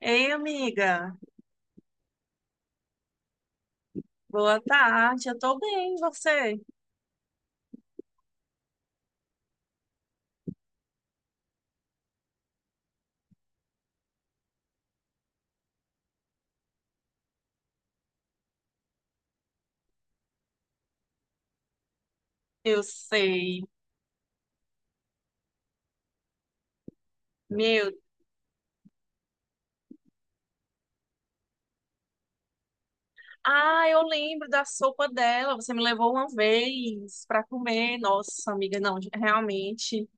Ei, amiga, boa tarde. Eu tô bem, e você? Eu sei. Meu, ah, eu lembro da sopa dela. Você me levou uma vez pra comer. Nossa, amiga, não, realmente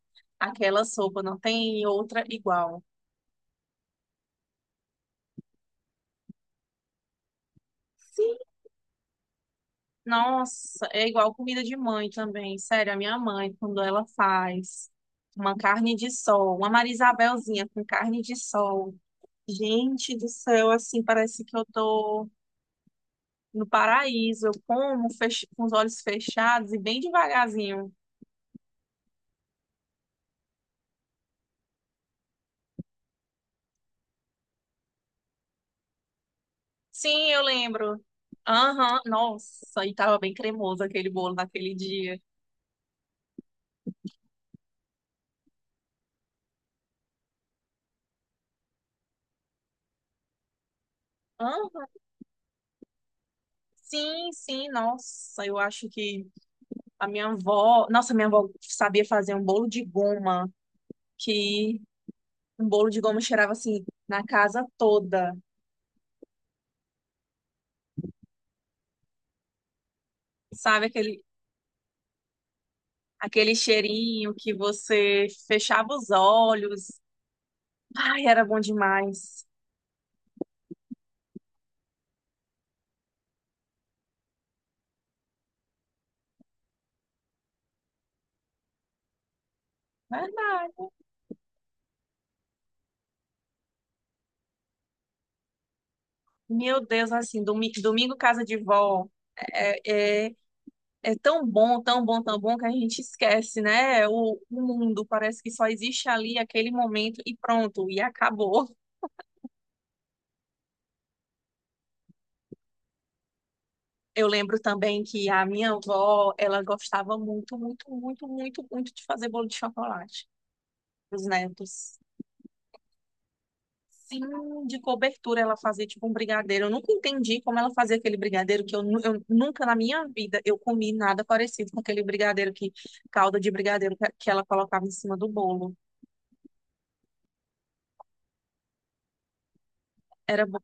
aquela sopa não tem outra igual. Sim. Nossa, é igual comida de mãe também. Sério, a minha mãe, quando ela faz uma carne de sol, uma Marisabelzinha com carne de sol. Gente do céu, assim, parece que eu tô no paraíso. Eu como com os olhos fechados e bem devagarzinho. Sim, eu lembro. Aham, nossa, e tava bem cremoso aquele bolo naquele dia. Aham, sim, sim, nossa, eu acho que a minha avó, nossa, minha avó sabia fazer um bolo de goma, que um bolo de goma cheirava assim na casa toda. Sabe aquele cheirinho que você fechava os olhos. Ai, era bom demais. Verdade. Meu Deus, assim, domingo casa de vó é, é, é tão bom, tão bom, tão bom que a gente esquece, né? O mundo parece que só existe ali aquele momento e pronto, e acabou. Eu lembro também que a minha avó, ela gostava muito, muito, muito, muito, muito de fazer bolo de chocolate para os netos. Sim, de cobertura ela fazia tipo um brigadeiro. Eu nunca entendi como ela fazia aquele brigadeiro, que eu, eu nunca na minha vida eu comi nada parecido com aquele brigadeiro, que, calda de brigadeiro que ela colocava em cima do bolo. Era bom.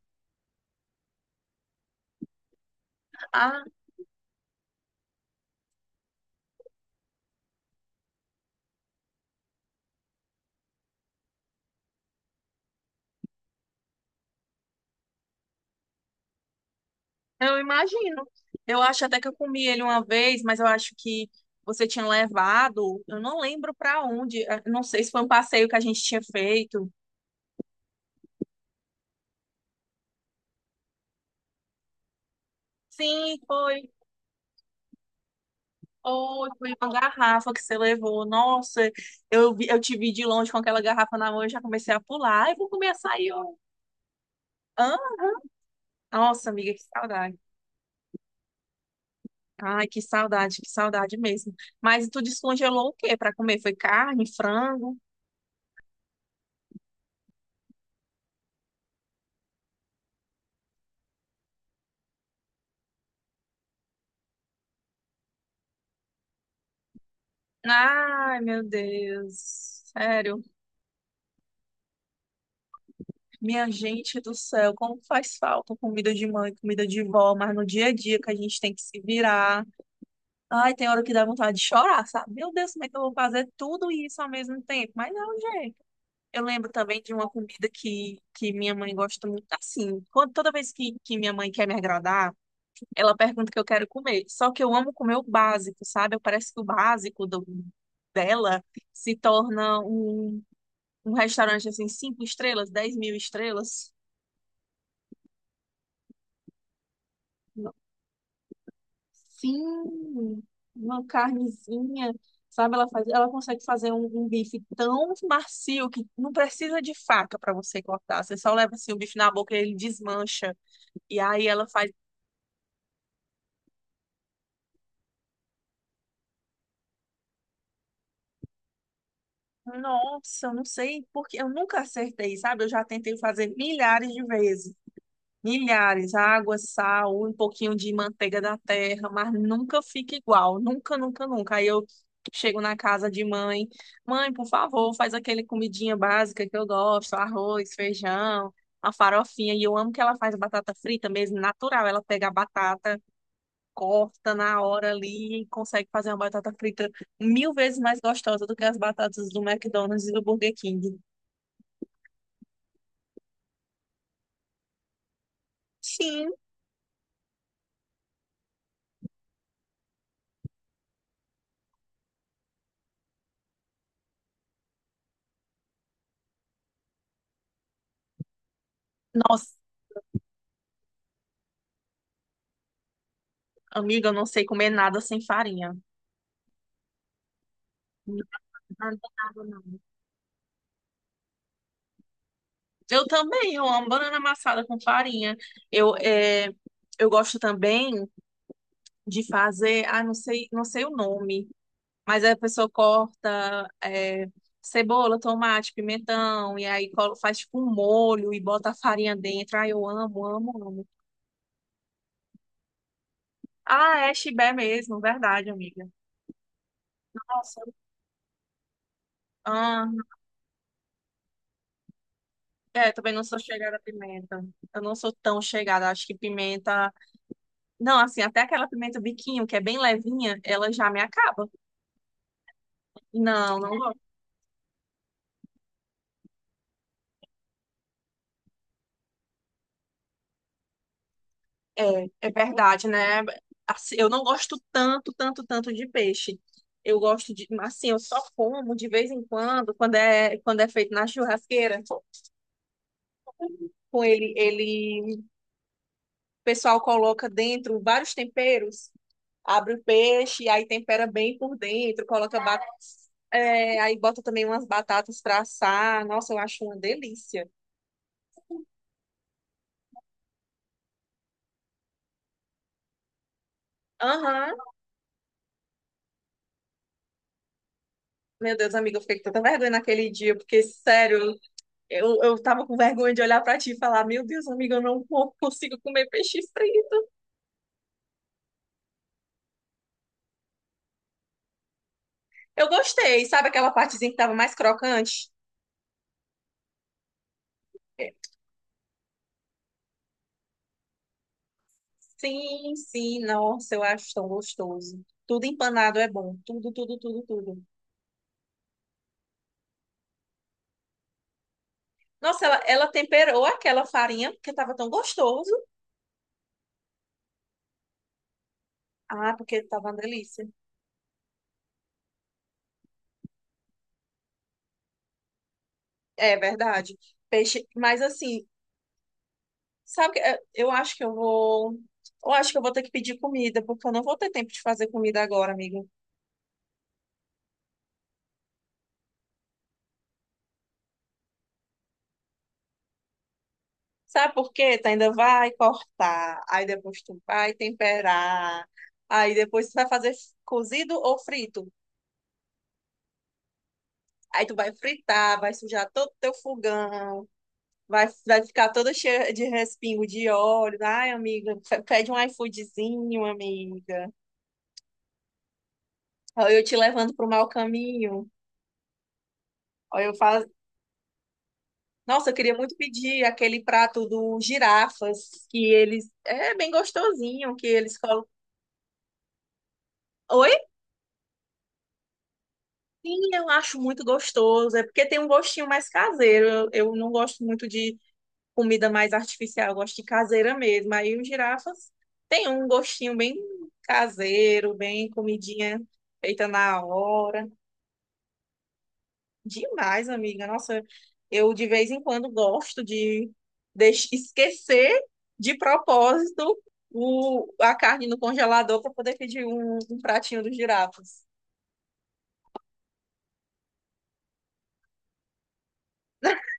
Ah, eu imagino. Eu acho até que eu comi ele uma vez, mas eu acho que você tinha levado, eu não lembro para onde, não sei se foi um passeio que a gente tinha feito. Sim, foi. Ou foi uma garrafa que você levou. Nossa, eu te vi de longe com aquela garrafa na mão e já comecei a pular. Ai, vou comer açaí. Ó. Hã? Nossa, amiga, que saudade. Ai, que saudade mesmo. Mas tu descongelou o quê para comer? Foi carne, frango? Ai, meu Deus. Sério, minha gente do céu, como faz falta comida de mãe, comida de vó, mas no dia a dia que a gente tem que se virar. Ai, tem hora que dá vontade de chorar, sabe? Meu Deus, como é que eu vou fazer tudo isso ao mesmo tempo? Mas é um jeito. Eu lembro também de uma comida que minha mãe gosta muito assim. Toda vez que minha mãe quer me agradar, ela pergunta o que eu quero comer. Só que eu amo comer o básico, sabe? Parece que o básico dela se torna um restaurante assim, cinco estrelas, dez mil estrelas. Sim, uma carnezinha, sabe? Ela consegue fazer um bife tão macio que não precisa de faca para você cortar. Você só leva assim o bife na boca e ele desmancha. E aí ela faz. Nossa, eu não sei porque eu nunca acertei, sabe? Eu já tentei fazer milhares de vezes. Milhares, água, sal, um pouquinho de manteiga da terra, mas nunca fica igual, nunca, nunca, nunca. Aí eu chego na casa de mãe, mãe, por favor, faz aquele comidinha básica que eu gosto, arroz, feijão, a farofinha, e eu amo que ela faz batata frita mesmo, natural, ela pega a batata, corta na hora ali e consegue fazer uma batata frita mil vezes mais gostosa do que as batatas do McDonald's e do Burger King. Sim, nossa, amiga, eu não sei comer nada sem farinha. Não adorava, não. Eu também, eu amo banana amassada com farinha. Eu, é, eu gosto também de fazer, ah, não sei, não sei o nome, mas a pessoa corta cebola, tomate, pimentão, e aí faz tipo um molho e bota a farinha dentro. Ah, eu amo, amo, amo. Ah, é chibé mesmo, verdade, amiga. Nossa, ah, também não sou chegada a pimenta. Eu não sou tão chegada, acho que pimenta. Não, assim, até aquela pimenta biquinho, que é bem levinha, ela já me acaba. Não, não gosto. É, é verdade, né? Assim, eu não gosto tanto, tanto, tanto de peixe. Eu gosto de, assim, eu só como de vez em quando, quando é, feito na churrasqueira, com o pessoal coloca dentro vários temperos, abre o peixe, aí tempera bem por dentro, aí bota também umas batatas pra assar. Nossa, eu acho uma delícia. Aham. Meu Deus, amiga, eu fiquei com tanta vergonha naquele dia, porque, sério, eu tava com vergonha de olhar pra ti e falar: Meu Deus, amiga, eu não consigo comer peixe frito. Eu gostei, sabe aquela partezinha que tava mais crocante? É, sim, sim, nossa, eu acho tão gostoso. Tudo empanado é bom, tudo, tudo, tudo, tudo. Nossa, ela temperou aquela farinha porque tava tão gostoso. Ah, porque tava uma delícia. É verdade. Peixe, mas assim, sabe, que, eu acho que eu vou. Eu acho que eu vou ter que pedir comida, porque eu não vou ter tempo de fazer comida agora, amigo. Sabe por quê? Tu ainda vai cortar, aí depois tu vai temperar, aí depois tu vai fazer cozido ou frito. Aí tu vai fritar, vai sujar todo o teu fogão, vai ficar toda cheia de respingo de óleo. Ai, amiga, pede um iFoodzinho, amiga. Olha, eu te levando pro mau caminho. Olha, eu nossa, eu queria muito pedir aquele prato do girafas, que eles. É bem gostosinho, que eles colocam. Oi? Sim, eu acho muito gostoso. É porque tem um gostinho mais caseiro. Eu não gosto muito de comida mais artificial, eu gosto de caseira mesmo. Aí os girafas tem um gostinho bem caseiro, bem comidinha feita na hora. Demais, amiga. Nossa, eu de vez em quando gosto de esquecer de propósito a carne no congelador para poder pedir um pratinho dos girafas.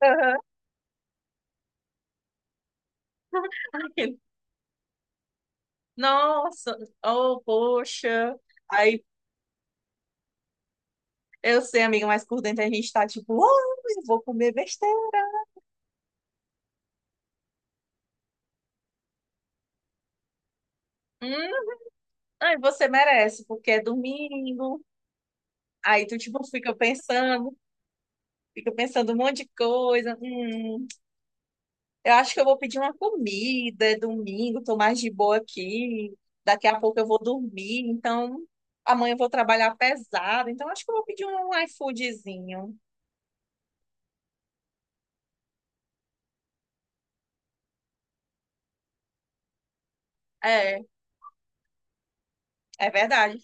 Aham. Aí, nossa, oh, poxa. Aí eu sei, amiga, mas por dentro a gente tá tipo, oh, eu vou comer besteira. Hum, aí você merece, porque é domingo. Aí tu tipo fica pensando um monte de coisa. Hum. Eu acho que eu vou pedir uma comida, é domingo, tô mais de boa aqui. Daqui a pouco eu vou dormir, então amanhã eu vou trabalhar pesado, então acho que eu vou pedir um iFoodzinho. É, é verdade.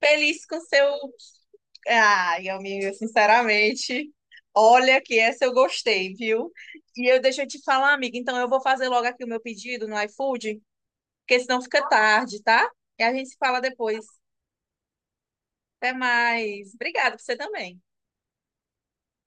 Feliz com seu. Ai, amiga, sinceramente, olha que essa eu gostei, viu? E eu deixa eu te falar, amiga, então eu vou fazer logo aqui o meu pedido no iFood, porque senão fica tarde, tá? E a gente se fala depois. Até mais. Obrigada, pra você também.